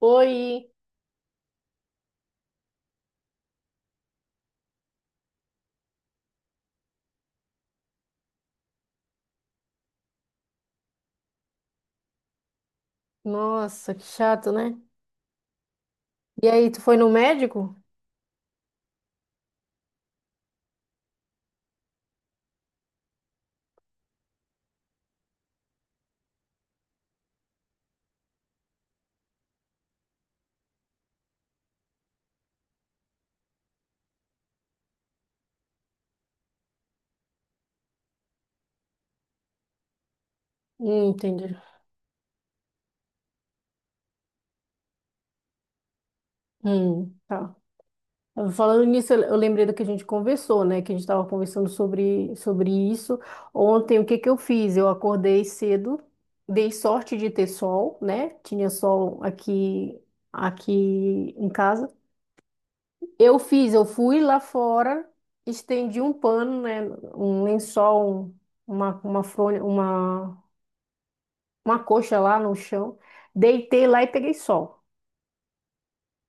Oi, nossa, que chato, né? E aí, tu foi no médico? Entendi. Tá. Falando nisso, eu lembrei do que a gente conversou, né? Que a gente estava conversando sobre isso. Ontem, o que que eu fiz? Eu acordei cedo, dei sorte de ter sol, né? Tinha sol aqui em casa. Eu fui lá fora, estendi um pano, né? Um lençol, uma fronha, uma coxa lá no chão, deitei lá e peguei sol.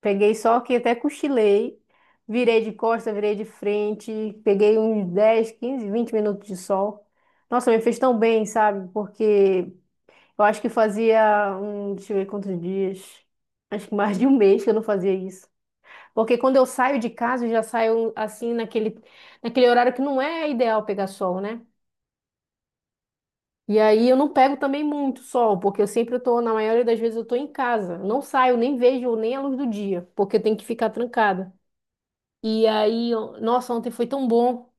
Peguei sol que até cochilei, virei de costa, virei de frente, peguei uns 10, 15, 20 minutos de sol. Nossa, me fez tão bem, sabe? Porque eu acho que fazia deixa eu ver quantos dias, acho que mais de um mês que eu não fazia isso. Porque quando eu saio de casa, eu já saio assim naquele horário que não é ideal pegar sol, né? E aí eu não pego também muito sol, porque eu sempre tô, na maioria das vezes eu tô em casa. Não saio, nem vejo nem a luz do dia, porque eu tenho que ficar trancada. E aí, nossa, ontem foi tão bom.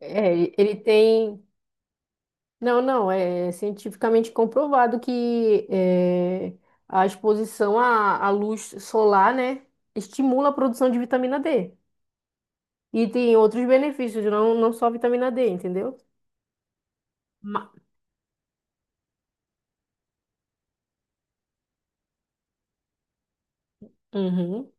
É, ele tem. Não, não, é cientificamente comprovado que é, a exposição à luz solar, né, estimula a produção de vitamina D. E tem outros benefícios, não, não só a vitamina D, entendeu? Ma- Uhum.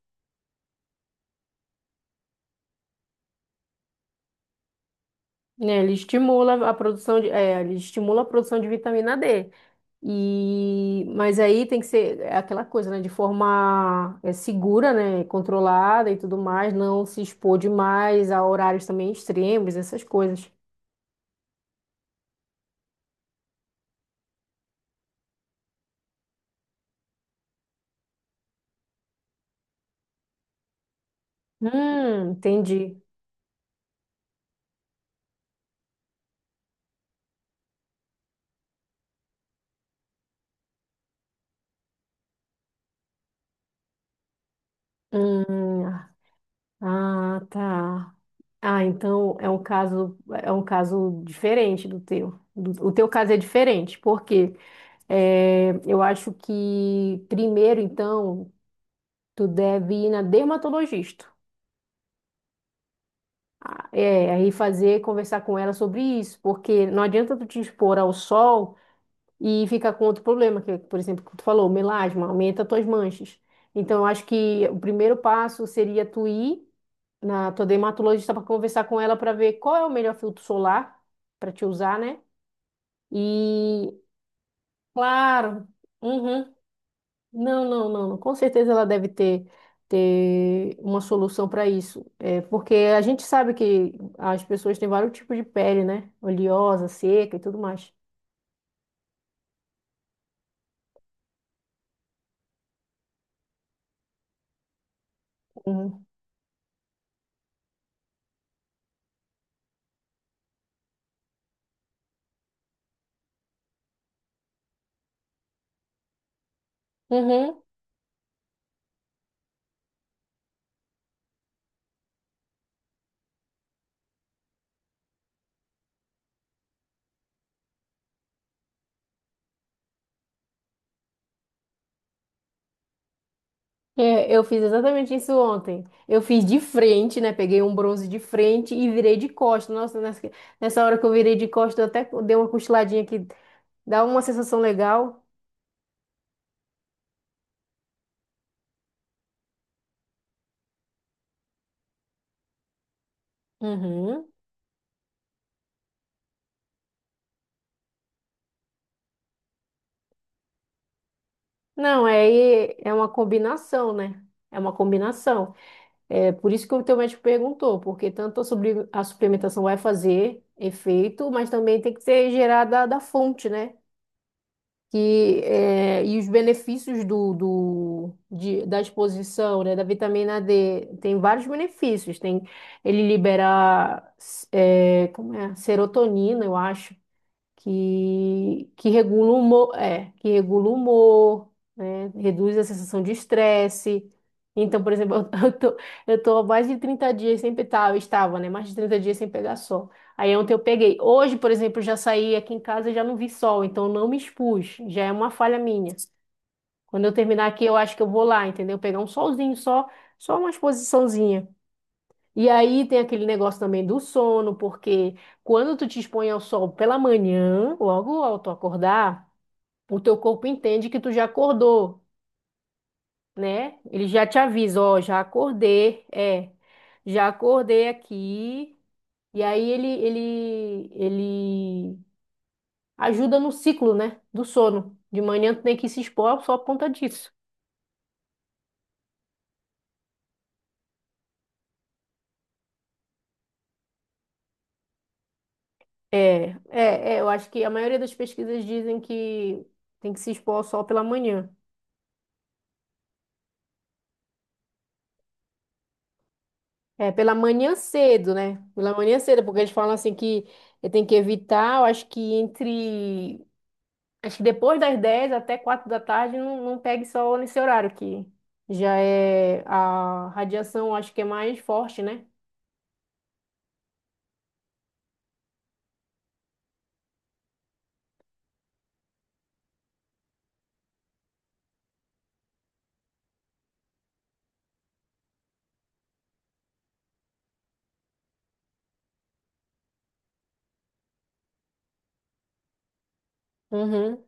Né? Ele estimula a produção de, ele estimula a produção de vitamina D. E, mas aí tem que ser é aquela coisa, né? De forma segura, né? Controlada e tudo mais, não se expor demais a horários também extremos, essas coisas. Entendi. Hum, ah, tá. Ah, então é um caso diferente do teu. O teu caso é diferente, porque eu acho que primeiro, então. Tu deve ir na dermatologista. É, aí fazer, conversar com ela sobre isso, porque não adianta tu te expor ao sol e ficar com outro problema, que, por exemplo, que tu falou, melasma, aumenta tuas manchas. Então, eu acho que o primeiro passo seria tu ir na tua dermatologista para conversar com ela para ver qual é o melhor filtro solar para te usar, né? E, claro, uhum. Não, não, não, não. Com certeza ela deve ter uma solução para isso. É, porque a gente sabe que as pessoas têm vários tipos de pele, né? Oleosa, seca e tudo mais. Uhum. Uhum. É, eu fiz exatamente isso ontem. Eu fiz de frente, né? Peguei um bronze de frente e virei de costas. Nossa, nessa hora que eu virei de costas, eu até dei uma cochiladinha que dá uma sensação legal. Uhum. Não, é uma combinação, né? É uma combinação. É por isso que o teu médico perguntou, porque tanto a suplementação vai fazer efeito, mas também tem que ser gerada da fonte, né? Que, e os benefícios da exposição, né, da vitamina D, tem vários benefícios. Tem, ele libera, como é? Serotonina, eu acho que regula o humor, que regula o humor, né? Reduz a sensação de estresse. Então, por exemplo, eu tô, eu tô há mais de 30 dias sem pegar, eu estava, né? Mais de 30 dias sem pegar sol. Aí ontem eu peguei. Hoje, por exemplo, eu já saí aqui em casa e já não vi sol, então eu não me expus. Já é uma falha minha. Quando eu terminar aqui, eu acho que eu vou lá, entendeu? Pegar um solzinho só, só uma exposiçãozinha. E aí tem aquele negócio também do sono, porque quando tu te expõe ao sol pela manhã, logo ao tu acordar, o teu corpo entende que tu já acordou, né? Ele já te avisa, ó, já acordei, já acordei aqui. E aí ele ajuda no ciclo, né, do sono. De manhã tu tem que se expor só por conta disso. É, eu acho que a maioria das pesquisas dizem que tem que se expor ao sol pela manhã. É, pela manhã cedo, né? Pela manhã cedo, porque eles falam assim que tem que evitar, eu acho que entre. Acho que depois das 10 até 4 da tarde não, não pegue sol nesse horário, que já é a radiação, acho que é mais forte, né? Uhum.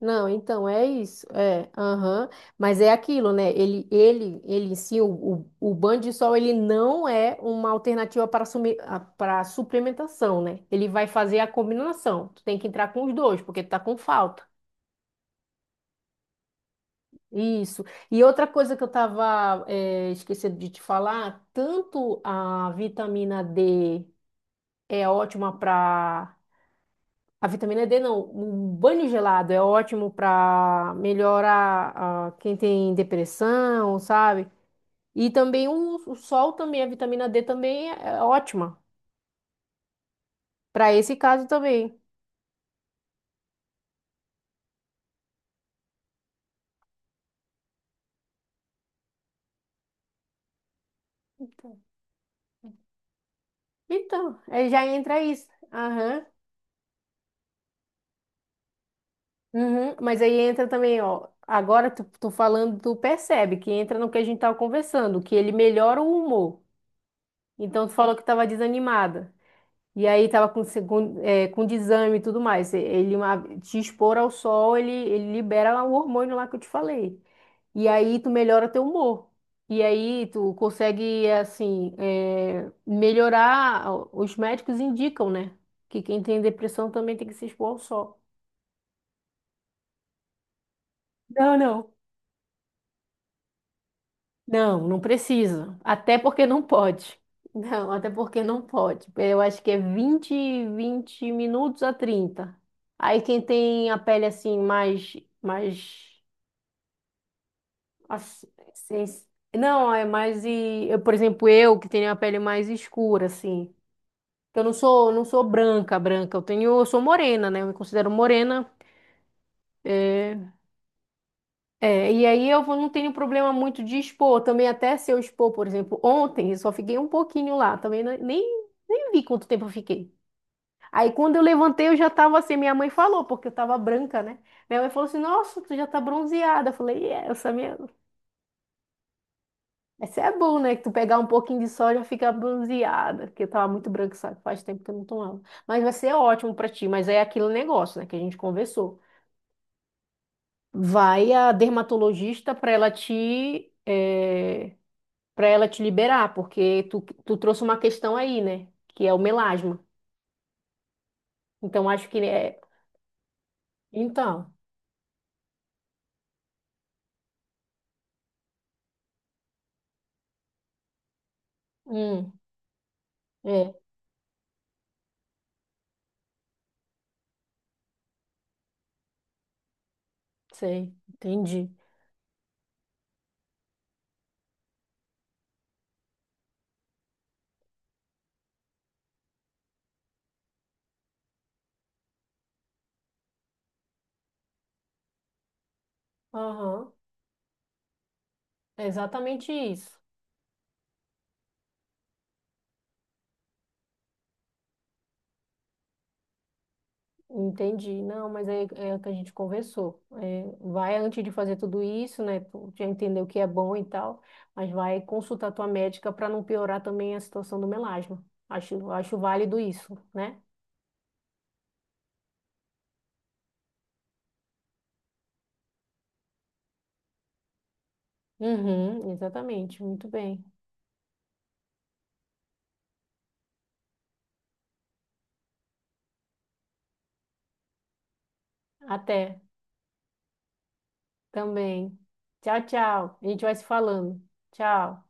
Não, então é isso, é, aham. Mas é aquilo, né? Ele sim. O banho de sol, ele não é uma alternativa para para suplementação, né? Ele vai fazer a combinação. Tu tem que entrar com os dois, porque tu tá com falta. Isso. E outra coisa que eu tava, esquecendo de te falar, tanto a vitamina D é ótima para A vitamina D não, um banho gelado é ótimo para melhorar quem tem depressão, sabe? E também o sol também, a vitamina D também é ótima para esse caso também. Então, aí já entra isso. Aham. Uhum. Mas aí entra também, ó. Agora tu falando, tu percebe que entra no que a gente tava conversando, que ele melhora o humor. Então tu falou que tava desanimada. E aí tava com desânimo e tudo mais. Te expor ao sol, ele libera lá o hormônio lá que eu te falei. E aí tu melhora teu humor. E aí tu consegue, assim, melhorar. Os médicos indicam, né? Que quem tem depressão também tem que se expor ao sol. Não, não. Não, não precisa. Até porque não pode. Não, até porque não pode. Eu acho que é 20 minutos a 30. Aí quem tem a pele assim mais assim, sens- não, é mais e eu, por exemplo, eu que tenho a pele mais escura assim. Então, eu não sou branca, branca. Eu sou morena, né? Eu me considero morena. É, é, e aí não tenho problema muito de expor, também até se eu expor, por exemplo, ontem eu só fiquei um pouquinho lá, também nem vi quanto tempo eu fiquei. Aí quando eu levantei eu já tava assim, minha mãe falou, porque eu tava branca, né? Minha mãe falou assim, nossa, tu já tá bronzeada. Eu falei, é, essa minha... Esse é bom, né? Que tu pegar um pouquinho de sol já fica bronzeada, porque eu tava muito branca, sabe? Faz tempo que eu não tomava. Mas vai ser ótimo pra ti, mas é aquele negócio, né, que a gente conversou. Vai a dermatologista pra ela te... eh, para ela te liberar, porque tu trouxe uma questão aí, né? Que é o melasma. Então, acho que é. Então, hum, é, sei, entendi. Aham, é exatamente isso. Entendi. Não, mas é o que a gente conversou. É, vai antes de fazer tudo isso, né? Tu já entendeu o que é bom e tal, mas vai consultar tua médica para não piorar também a situação do melasma. Acho válido isso, né? Uhum, exatamente. Muito bem. Até. Também. Tchau, tchau. A gente vai se falando. Tchau.